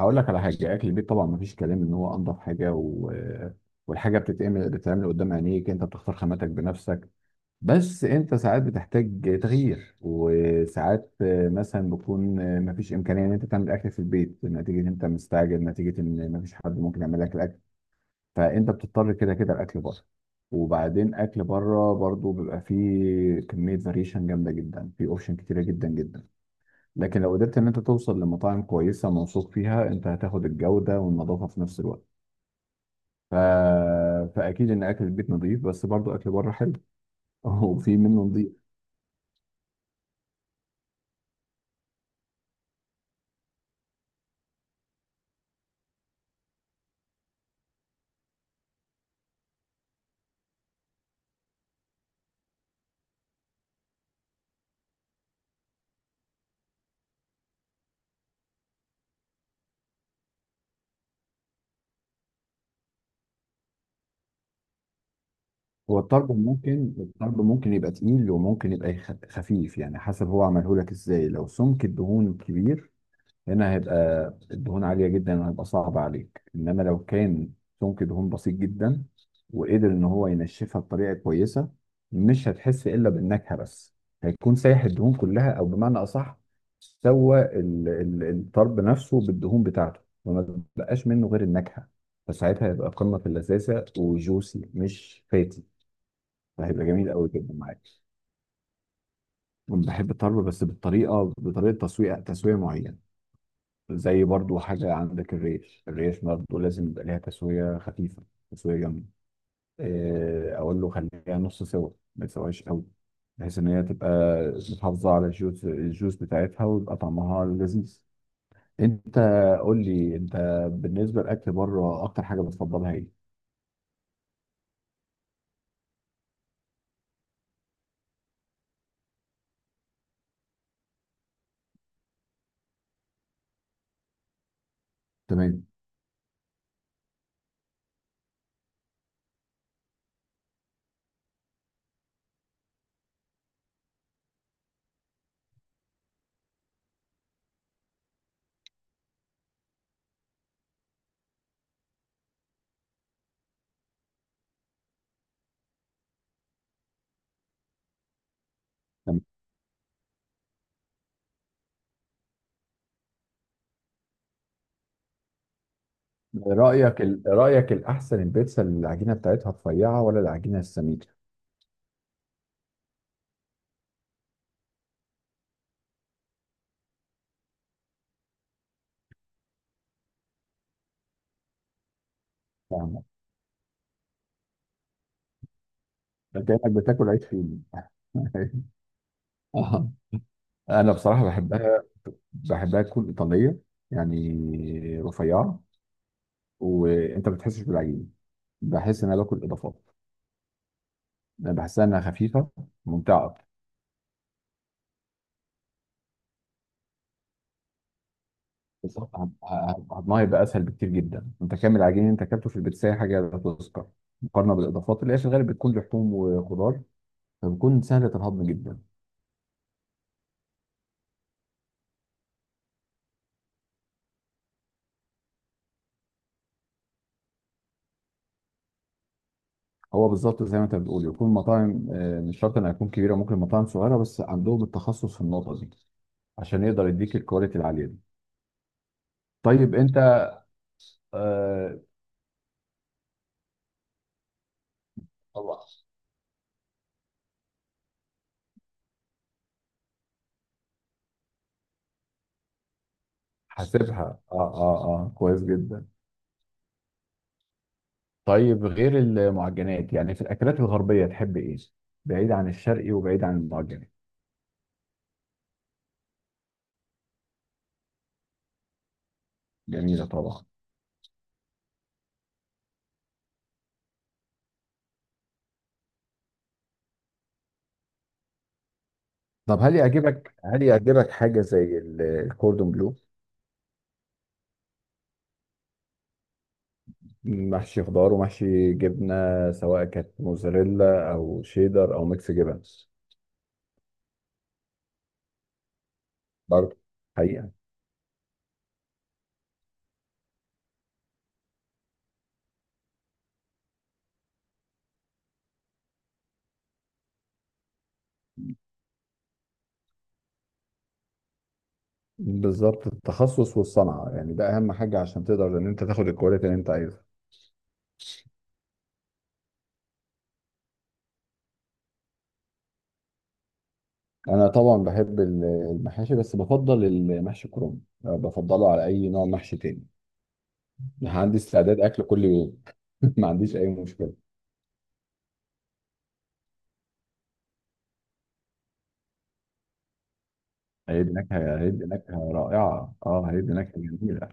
هقول لك على حاجه. اكل البيت طبعا مفيش كلام ان هو انضف حاجه والحاجه بتتعمل قدام عينيك، انت بتختار خاماتك بنفسك. بس انت ساعات بتحتاج تغيير، وساعات مثلا بيكون مفيش امكانيه ان انت تعمل اكل في البيت، نتيجه ان انت مستعجل، نتيجه ان مفيش حد ممكن يعمل لك الاكل، فانت بتضطر كده كده الاكل بره. وبعدين اكل بره برضو بيبقى فيه كميه فاريشن جامده جدا، في اوبشن كتيره جدا جدا. لكن لو قدرت ان انت توصل لمطاعم كويسه موثوق فيها، انت هتاخد الجوده والنظافه في نفس الوقت. ف... فاكيد ان اكل البيت نظيف، بس برضو اكل بره حلو. وفي منه نظيف. هو الطرب ممكن يبقى تقيل، وممكن يبقى خفيف، يعني حسب هو عمله لك ازاي. لو سمك الدهون كبير، هنا هيبقى الدهون عالية جدا، هيبقى صعب عليك. إنما لو كان سمك دهون بسيط جدا، وقدر إن هو ينشفها بطريقة كويسة، مش هتحس إلا بالنكهة بس. هيكون سايح الدهون كلها، أو بمعنى أصح، سوى الطرب نفسه بالدهون بتاعته، وما بقاش منه غير النكهة. فساعتها هيبقى قمة في اللذاذة، وجوسي مش فاتي. فهيبقى جميل قوي جدا معاك. بحب الطرب، بس بالطريقة، بطريقة تسوية معينة. زي برضو حاجة عندك، الريش برضو لازم يبقى ليها تسوية خفيفة، تسوية جامدة. أقول له خليها نص سوا، ما تسويش قوي، بحيث إن هي تبقى محافظة على الجوس بتاعتها، ويبقى طعمها لذيذ. أنت، قول لي أنت، بالنسبة للأكل بره، أكتر حاجة بتفضلها إيه؟ تمام، تمام. رأيك الأحسن، البيتزا اللي العجينة بتاعتها رفيعة ولا العجينة السميكة؟ فاهمك. ده كأنك بتاكل عيش فينو. انا بصراحه بحبها تكون ايطاليه، يعني رفيعه، وانت ما بتحسش بالعجين. بحس ان انا باكل اضافات. انا بحسها انها خفيفه، ممتعه أكتر. بالظبط هضمها يبقى اسهل بكتير جدا. انت كامل العجين اللي انت اكلته في البيتزا حاجه لا تذكر، مقارنه بالاضافات اللي هي في الغالب بتكون لحوم وخضار، فبتكون سهله الهضم جدا. هو بالظبط زي ما انت بتقول، يكون مطاعم، مش شرط انها تكون كبيره، ممكن مطاعم صغيره بس عندهم التخصص في النقطه دي، عشان يقدر يديك الكواليتي العاليه دي. طيب انت. آه، طبعا. حاسبها، كويس جدا. طيب غير المعجنات، يعني في الاكلات الغربيه تحب ايه؟ بعيد عن الشرقي وبعيد عن المعجنات. جميله طبعا. طب هل يعجبك حاجه زي الكوردون بلو؟ محشي خضار ومحشي جبنه، سواء كانت موزاريلا او شيدر او ميكس جبن. برضه. حقيقه. بالظبط التخصص والصنعه، يعني ده اهم حاجه عشان تقدر ان انت تاخد الكواليتي اللي انت عايزها. انا طبعا بحب المحاشي، بس بفضل المحشي كرنب. بفضله على اي نوع محشي تاني. عندي استعداد اكل كل يوم. ما عنديش اي مشكله. هيدي نكهه رائعه. اه هيدي نكهه جميله.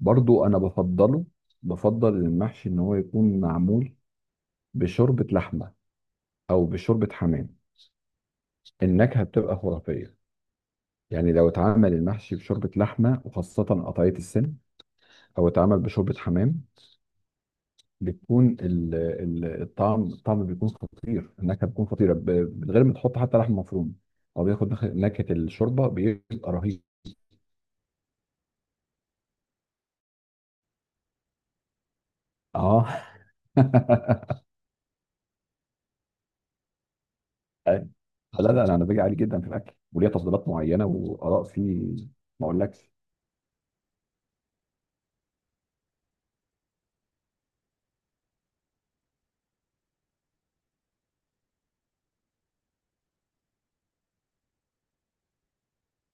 برضو انا بفضله. بفضل المحشي ان هو يكون معمول بشوربه لحمه، او بشوربه حمام. النكهه بتبقى خرافيه. يعني لو اتعمل المحشي بشوربه لحمه وخاصه قطعيه السن، او اتعمل بشوربه حمام، بتكون الطعم بيكون خطير، النكهه بتكون خطيره، من غير ما تحط حتى لحم مفروم. هو بياخد نكهه الشوربه، بيبقى رهيب. اه. لا لا لا، انا باجي عالي جدا في الاكل، وليا تفضيلات معينه واراء فيه. ما اقولكش.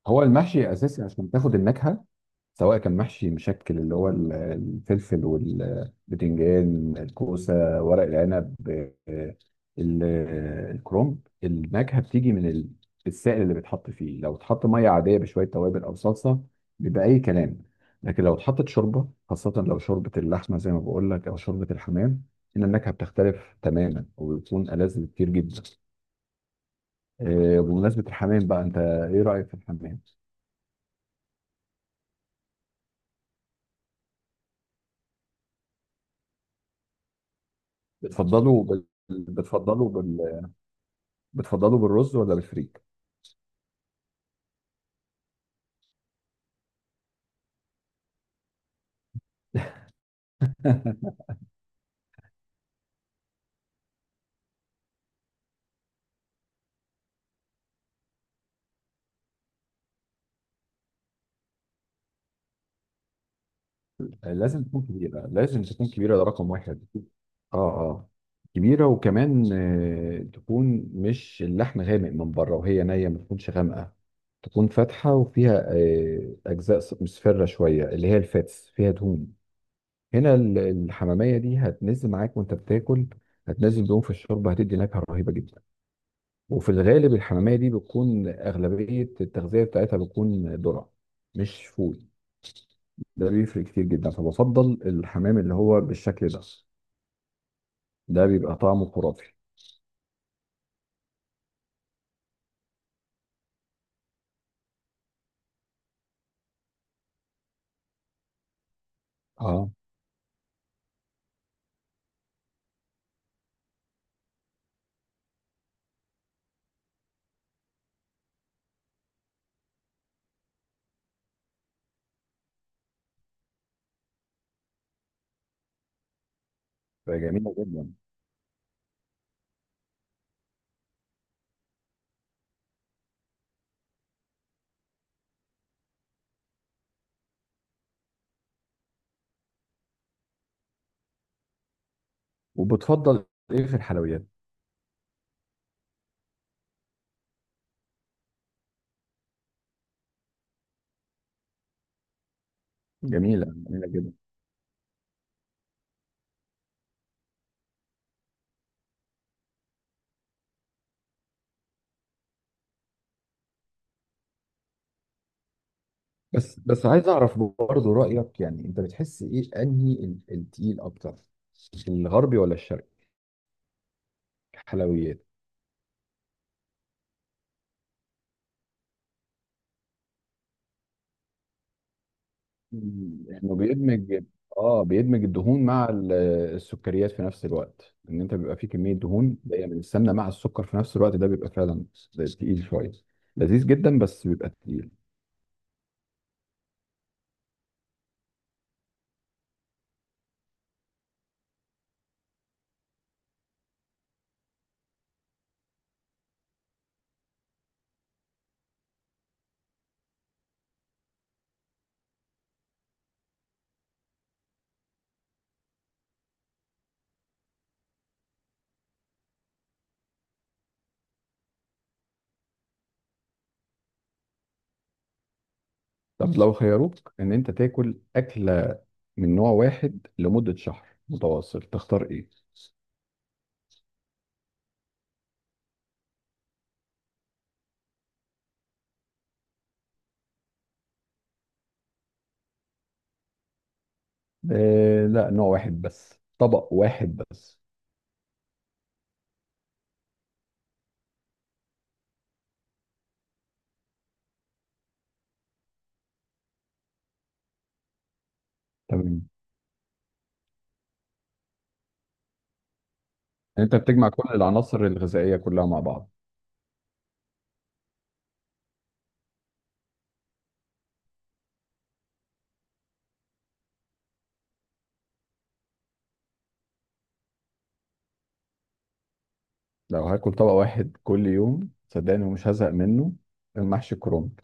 هو المحشي اساسي عشان تاخد النكهه، سواء كان محشي مشكل اللي هو الفلفل والبتنجان الكوسة، ورق العنب، آه، الكرنب. النكهة بتيجي من السائل اللي بيتحط فيه. لو اتحط مية عادية بشوية توابل أو صلصة، بيبقى أي كلام. لكن لو اتحطت شوربة خاصة، لو شوربة اللحمة زي ما بقول لك أو شوربة الحمام، إن النكهة بتختلف تماما وبتكون ألذ بكتير جدا. بمناسبة الحمام بقى، أنت إيه رأيك في الحمام؟ بتفضله بال... بتفضله بتفضله بالرز ولا بالفريك؟ لازم تكون كبيره، لازم تكون كبيره، ده رقم واحد. اه اه كبيره، وكمان تكون مش اللحم غامق من بره وهي نيه، ما تكونش غامقه. تكون فاتحه وفيها اجزاء مصفره شويه، اللي هي الفاتس فيها دهون. هنا الحماميه دي هتنزل معاك وانت بتاكل، هتنزل دهون في الشوربه، هتدي نكهه رهيبه جدا. وفي الغالب الحماميه دي بتكون اغلبيه التغذيه بتاعتها بتكون ذره، مش فول. ده بيفرق كتير جدا، فبفضل الحمام اللي هو بالشكل ده، ده بيبقى طعمه خرافي. اه، بيبقى جميلة جدا. وبتفضل ايه في الحلويات؟ جميلة، جميلة جدا. بس عايز اعرف برضه رأيك، يعني انت بتحس ايه انهي التقيل اكتر، الغربي ولا الشرقي، حلويات؟ انه بيدمج. اه، بيدمج الدهون مع السكريات في نفس الوقت. ان انت بيبقى فيه كميه دهون جايه من السمنه مع السكر في نفس الوقت، ده بيبقى فعلا تقيل شويه، لذيذ جدا بس بيبقى تقيل. طب لو خيروك ان انت تاكل اكله من نوع واحد لمده شهر متواصل، تختار ايه؟ آه لا، نوع واحد بس، طبق واحد بس. تمام. يعني انت بتجمع كل العناصر الغذائيه كلها مع بعض. لو هاكل طبق واحد كل يوم صدقني ومش هزهق منه، المحشي كروم.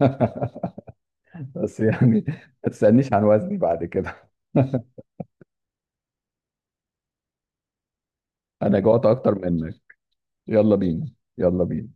بس يعني، ما تسألنيش عن وزني بعد كده. انا جوعت اكتر منك. يلا بينا، يلا بينا.